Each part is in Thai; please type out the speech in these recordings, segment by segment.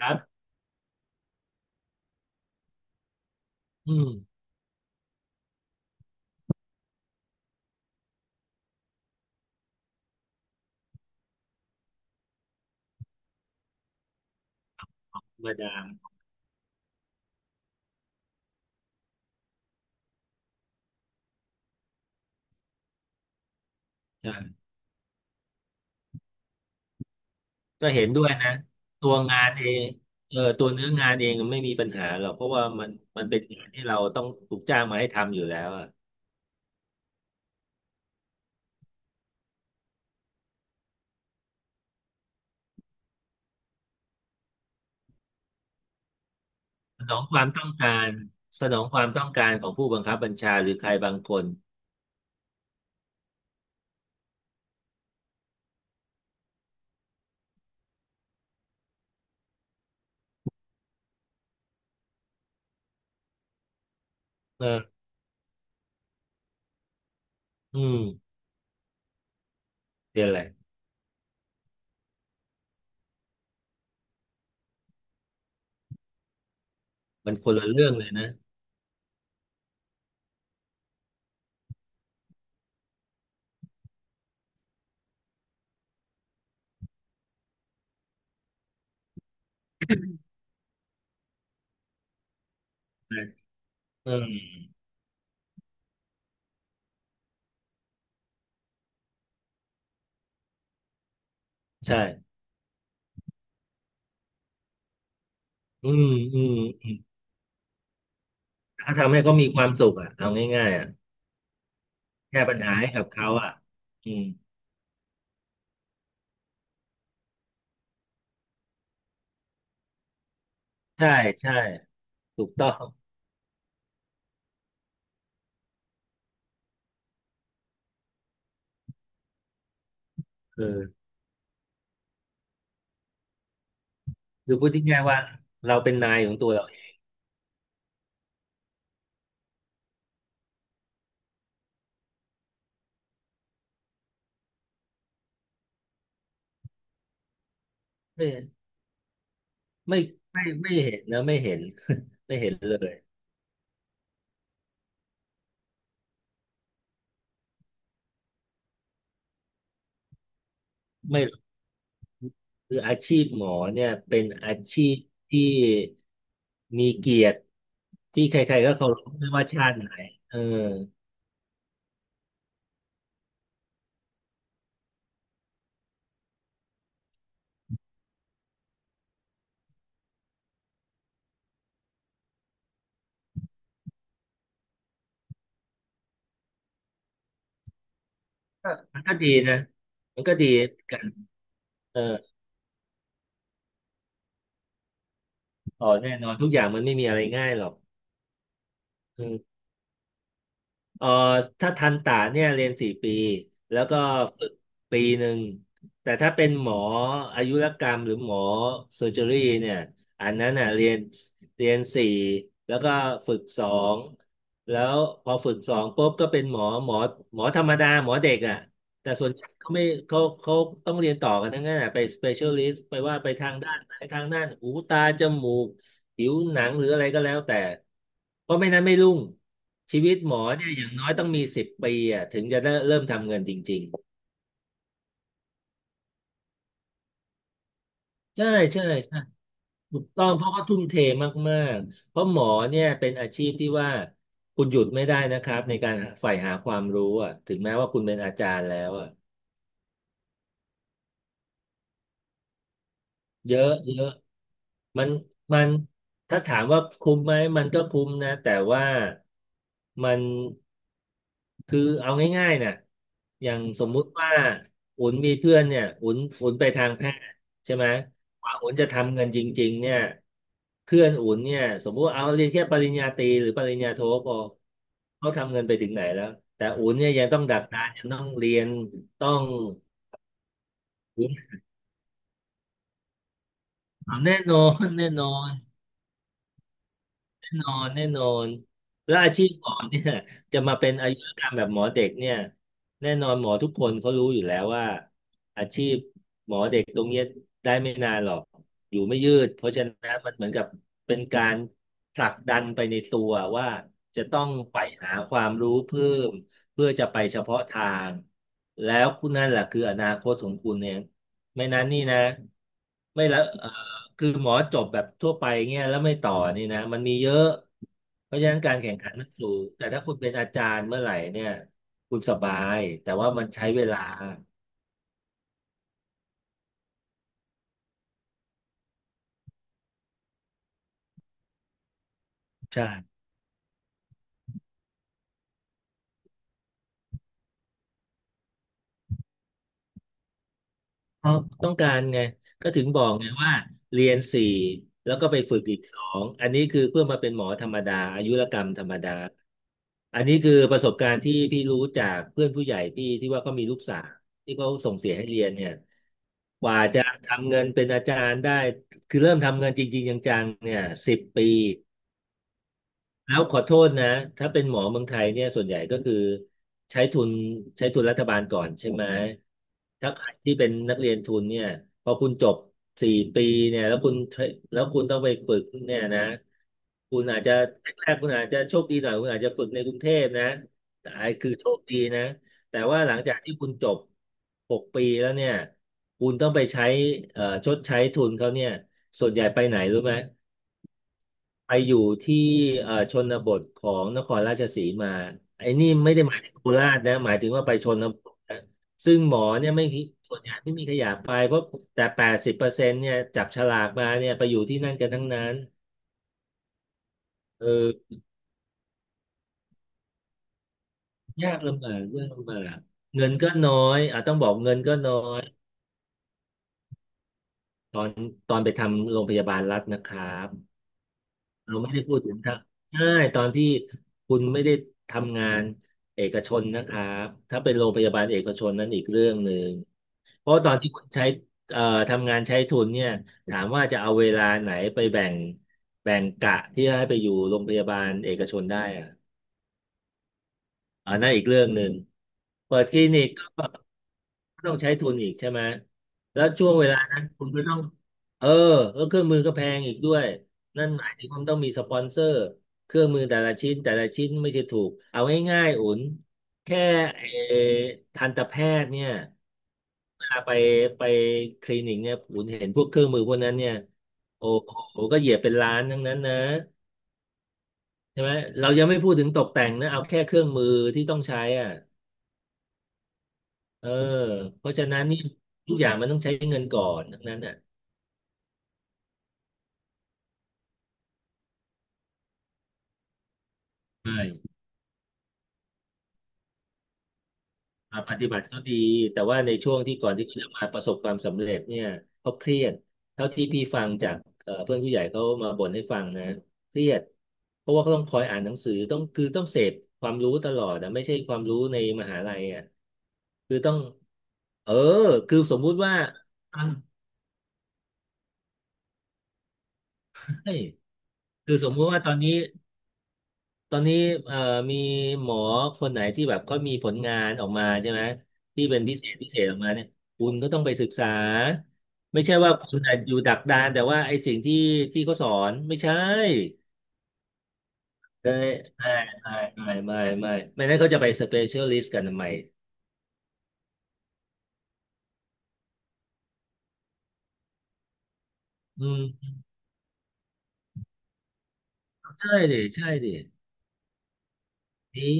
ครับอืมธรรมดาอ่าก็เห็นด้วยนะตัวงานเองเออตัวเนื้องานเองไม่มีปัญหาหรอกเพราะว่ามันเป็นงานที่เราต้องถูกจ้างมาให้ทำอยู่แล้วอะสนองความต้องการสนองความต้องการของผู้บังคับบัญชาหรือใครบางคนเอออืมเรียนอะไรมันคนละเรื่องเลยนะเออใช่อืมอืมถ้าทำให้เขามีความสุขอ่ะเอาง่ายๆอ่ะแก้ปัญหาให้กับเขาอ่ะอืมใช่ใช่ถูกต้องเออ คือพูดง่ายๆว่าเราเป็นนายของตัวเราเองไม่ไม่เห็นนะไม่เห็น ไม่เห็นเลยไม่คืออาชีพหมอเนี่ยเป็นอาชีพที่มีเกียรติที่ใครๆก็เคารพไม่ว่าชาติไหนเออก็มันก็ดีนะมันก็ดีกันเออต่อแน่นอนทุกอย่างมันไม่มีอะไรง่ายหรอกเออ เอ่อถ้าทันตะเนี่ยเรียนสี่ปีแล้วก็ฝึก1 ปีแต่ถ้าเป็นหมออายุรกรรมหรือหมอเซอร์เจอรี่เนี่ยอันนั้นน่ะเรียนสี่แล้วก็ฝึกสองแล้วพอฝึกสองปุ๊บก็เป็นหมอธรรมดาหมอเด็กอ่ะแต่ส่วนใหญ่เขาต้องเรียนต่อกันทั้งนั้นน่ะไปสเปเชียลิสต์ไปว่าไปทางด้านไหนทางด้านหูตาจมูก ผิวหนังหรืออะไรก็แล้วแต่เพราะไม่นั้นไม่รุ่งชีวิตหมอเนี่ยอย่างน้อยต้องมีสิบปีอ่ะถึงจะได้เริ่มทำเงินจริงๆใช่ใช่ใช่ถูกต้องเพราะเขาทุ่มเทมากๆเพราะหมอเนี่ยเป็นอาชีพที่ว่าคุณหยุดไม่ได้นะครับในการใฝ่หาความรู้อ่ะถึงแม้ว่าคุณเป็นอาจารย์แล้วอ่ะเยอะเยอะ มันมันถ้าถามว่าคุ้มไหมมันก็คุ้มนะแต่ว่ามันคือเอาง่ายๆนะอย่างสมมุติว่าอุ่นมีเพื่อนเนี่ยอุ่นไปทางแพทย์ใช่ไหมกว่าอุ่นจะทำเงินจริงๆเนี่ยเพื่อนอุ่นเนี่ยสมมุติเอาเรียนแค่ปริญญาตรีหรือปริญญาโทพอเขาทำเงินไปถึงไหนแล้วแต่อุ่นเนี่ยยังต้องดักดานยังต้องเรียนต้องอุ่นแน่นอนแน่นอน แน่นอนแน่นอนแล้วอาชีพหมอเนี่ยจะมาเป็นอายุรกรรมแบบหมอเด็กเนี่ยแน่นอนหมอทุกคนเขารู้อยู่แล้วว่าอาชีพหมอเด็กตรงเนี้ยได้ไม่นานหรอกอยู่ไม่ยืดเพราะฉะนั้นมันเหมือนกับเป็นการผลักดันไปในตัวว่าจะต้องใฝ่หาความรู้เพิ่มเพื่อจะไปเฉพาะทางแล้วคุณนั่นแหละคืออนาคตของคุณเนี่ยไม่นั้นนี่นะไม่ละเออ คือหมอจบแบบทั่วไปเงี้ยแล้วไม่ต่อนี่นะมันมีเยอะเพราะฉะนั้นการแข่งขันมันสูงแต่ถ้าคุณเป็นอาจารย์เมื่อไหร่เนี่ยคุณสบายแต่ว่ามันใช้เวลาใช่ เพราะต้องการไงก็ถึงบอกไงว่าเรียนสี่แล้วก็ไปฝึกอีกสองอันนี้คือเพื่อมาเป็นหมอธรรมดาอายุรกรรมธรรมดาอันนี้คือประสบการณ์ที่พี่รู้จากเพื่อนผู้ใหญ่พี่ที่ว่าเขามีลูกสาวที่เขาส่งเสียให้เรียนเนี่ยกว่าจะทำเงินเป็นอาจารย์ได้คือเริ่มทำเงินจริงๆจังๆเนี่ยสิบปี แล้วขอโทษนะถ้าเป็นหมอเมืองไทยเนี่ยส่วนใหญ่ก็คือใช้ทุนใช้ทุนรัฐบาลก่อนใช่ไหมถ้าใครที่เป็นนักเรียนทุนเนี่ยพอคุณจบสี่ปีเนี่ยแล้วคุณต้องไปฝึกเนี่ยนะคุณอาจจะแรกๆคุณอาจจะโชคดีหน่อยคุณอาจจะฝึกในกรุงเทพนะแต่ไอ้คือโชคดีนะแต่ว่าหลังจากที่คุณจบ6 ปีแล้วเนี่ยคุณต้องไปใช้ชดใช้ทุนเขาเนี่ยส่วนใหญ่ไปไหนรู้ไหม ไปอยู่ที่ชนบทของนครราชสีมาไอ้นี่ไม่ได้หมายถึงโคราชนะหมายถึงว่าไปชนบทนะซึ่งหมอเนี่ยไม่มีส่วนใหญ่ไม่มีขยะไปเพราะแต่80%เนี่ยจับฉลากมาเนี่ยไปอยู่ที่นั่นกันทั้งนั้นเออยากลำบากเรื่องลำบากเงินก็น้อยอ่ะต้องบอกเงินก็น้อยตอนไปทำโรงพยาบาลรัฐนะครับ เราไม่ได้พูดถึงทางใช่ตอนที่คุณไม่ได้ทำงานเอกชนนะครับถ้าเป็นโรงพยาบาลเอกชนนั้นอีกเรื่องหนึ่ง เพราะตอนที่คุณใช้เอ่อทำงานใช้ทุนเนี่ยถามว่าจะเอาเวลาไหนไปแบ่งกะที่ให้ไปอยู่โรงพยาบาลเอกชนได้อะอันนั้นอีกเรื่องหนึ่งเปิดคลินิก ต้องใช้ทุนอีกใช่ไหมแล้วช่วงเวลานั้นคุณก็ต้องเออแล้วเครื่องมือก็แพงอีกด้วยนั่นหมายถึงคุณต้องมีสปอนเซอร์เครื่องมือแต่ละชิ้นแต่ละชิ้นไม่ใช่ถูกเอาง่ายๆอุ่นแค่ไอ้ทันตแพทย์เนี่ยเวลาไปคลินิกเนี่ยอุ่นเห็นพวกเครื่องมือพวกนั้นเนี่ยโอ้โหก็เหยียบเป็นล้านทั้งนั้นนะใช่ไหมเรายังไม่พูดถึงตกแต่งนะเอาแค่เครื่องมือที่ต้องใช้อ่ะเออเพราะฉะนั้นนี่ทุกอย่างมันต้องใช้เงินก่อนทั้งนั้นอ่ะใช่ อ่าปฏิบัติก็ดีแต่ว่าในช่วงที่ก่อนที่เขาจะมาประสบความสำเร็จเนี่ยเขาเครียดเท่าที่พี่ฟังจากเพื่อนผู้ใหญ่เขามาบ่นให้ฟังนะเครียดเพราะว่าเขาต้องคอยอ่านหนังสือต้องคือต้องเสพความรู้ตลอดนะไม่ใช่ความรู้ในมหาลัยอ่ะคือต้องเออคือสมมุติว่า ฟังใช่คือสมมุติว่าตอนนี้ ตอนนี้เอ่อมีหมอคนไหนที่แบบก็มีผลงานออกมาใช่ไหมที่เป็นพิเศษออกมาเนี่ยคุณก็ต้องไปศึกษาไม่ใช่ว่าคุณอาจอยู่ดักดานแต่ว่าไอ้สิ่งที่เขาสอนไม่ใช่เลยไม่ไม่ไม่ไม่ไม่ไม่ไม่นั้นเขาจะไปสเปเชียลิสต์กันทำไมอืมใช่ดิใช่ดิ มี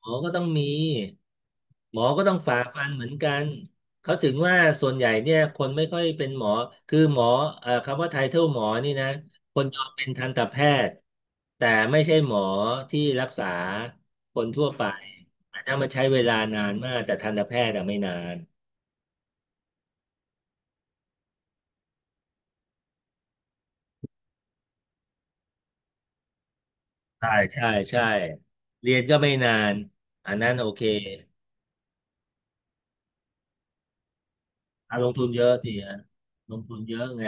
หมอก็ต้องมีหมอก็ต้องฝ่าฟันเหมือนกันเขาถึงว่าส่วนใหญ่เนี่ยคนไม่ค่อยเป็นหมอคือหมอคำว่าไทเทิลหมอนี่นะคนยอมเป็นทันตแพทย์แต่ไม่ใช่หมอที่รักษาคนทั่วไปอาจจะมาใช้เวลานานมากแต่ทันตแพทย์อะไม่นานใช่ใช่ใช่เรียนก็ไม่นานอันนั้นโอเค อ่ะลงทุนเยอะสิฮะลงทุนเยอะไง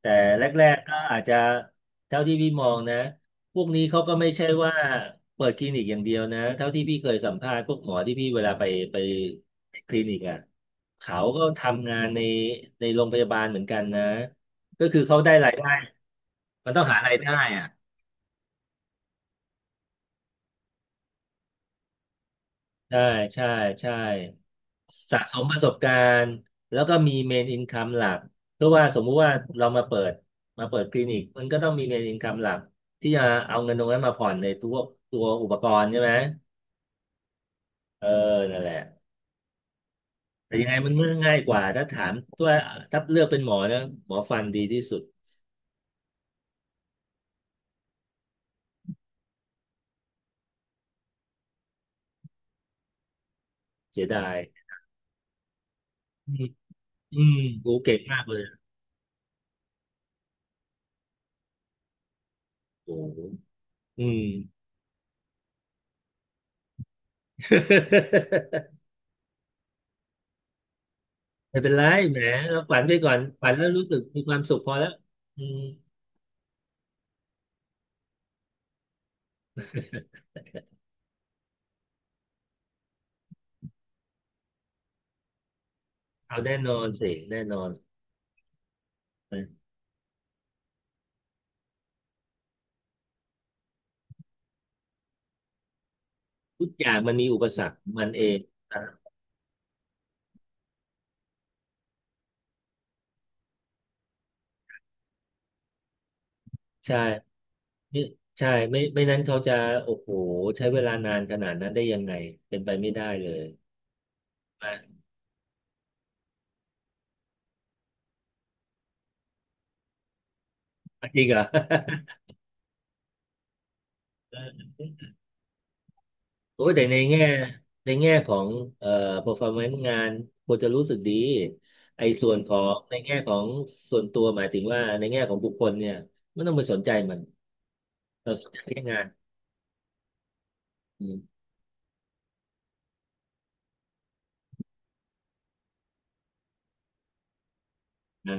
แต่แรกๆก็อาจจะเท่าที่พี่มองนะพวกนี้เขาก็ไม่ใช่ว่าเปิดคลินิกอย่างเดียวนะเท่าที่พี่เคยสัมภาษณ์พวกหมอที่พี่เวลาไปคลินิกอ่ะเขาก็ทำงานในโรงพยาบาลเหมือนกันนะก็คือเขาได้รายได้มันต้องหารายได้อ่ะ ใช่ใช่ใช่สะสมประสบการณ์แล้วก็มีเมนอินคัมหลักเพราะว่าสมมุติว่าเรามาเปิดคลินิกมันก็ต้องมีเมนอินคัมหลักที่จะเอาเงินตรงนั้นมาผ่อนในตัวอุปกรณ์ใช่ไหมเออนั่นแหละแต่ยังไงมันก็ง่ายกว่าถ้าถามตัวถ้าเลือกเป็นหมอนะหมอฟันดีที่สุดเสียดายอืมอืมโอ้เก่งมากเลยโอ้โหอืม ไม่เป็นไรแหมเราฝันไปก่อนฝันแล้วรู้สึกมีความสุขพอแล้วอืม เอาแน่นอนสิแน่นอนนะทุกอย่างมันมีอุปสรรคมันเองนะใช่ไม่ใช่ไม่นั้นเขาจะโอ้โหใช้เวลานานขนาดนั้นได้ยังไงเป็นไปไม่ได้เลยอ่ะจริงเหรอ โอ้ยแต่ในแง่ในแง่ของเอ่อ performance งานควรจะรู้สึกดีไอ้ส่วนของในแง่ของส่วนตัวหมายถึงว่าในแง่ของบุคคลเนี่ยไม่ต้องไปสนใจมันเราสนใจแค่งานอืมใช่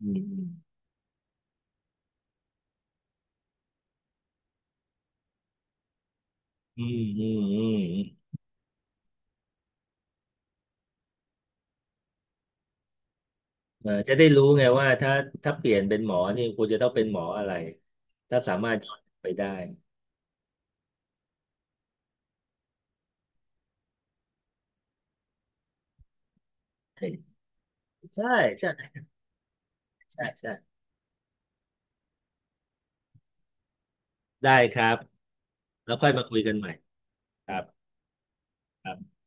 อืมอืมอืมอืม เออจะได้รู้ไงว่าถ้าเปลี่ยนเป็นหมอนี่คุณจะต้องเป็นหมออะไรถ้าสามารถย้อนไปได้ใช่ใช่ใช่ใช่ได้ครับแล้วค่อยมาคุยกันใหม่ครับครับ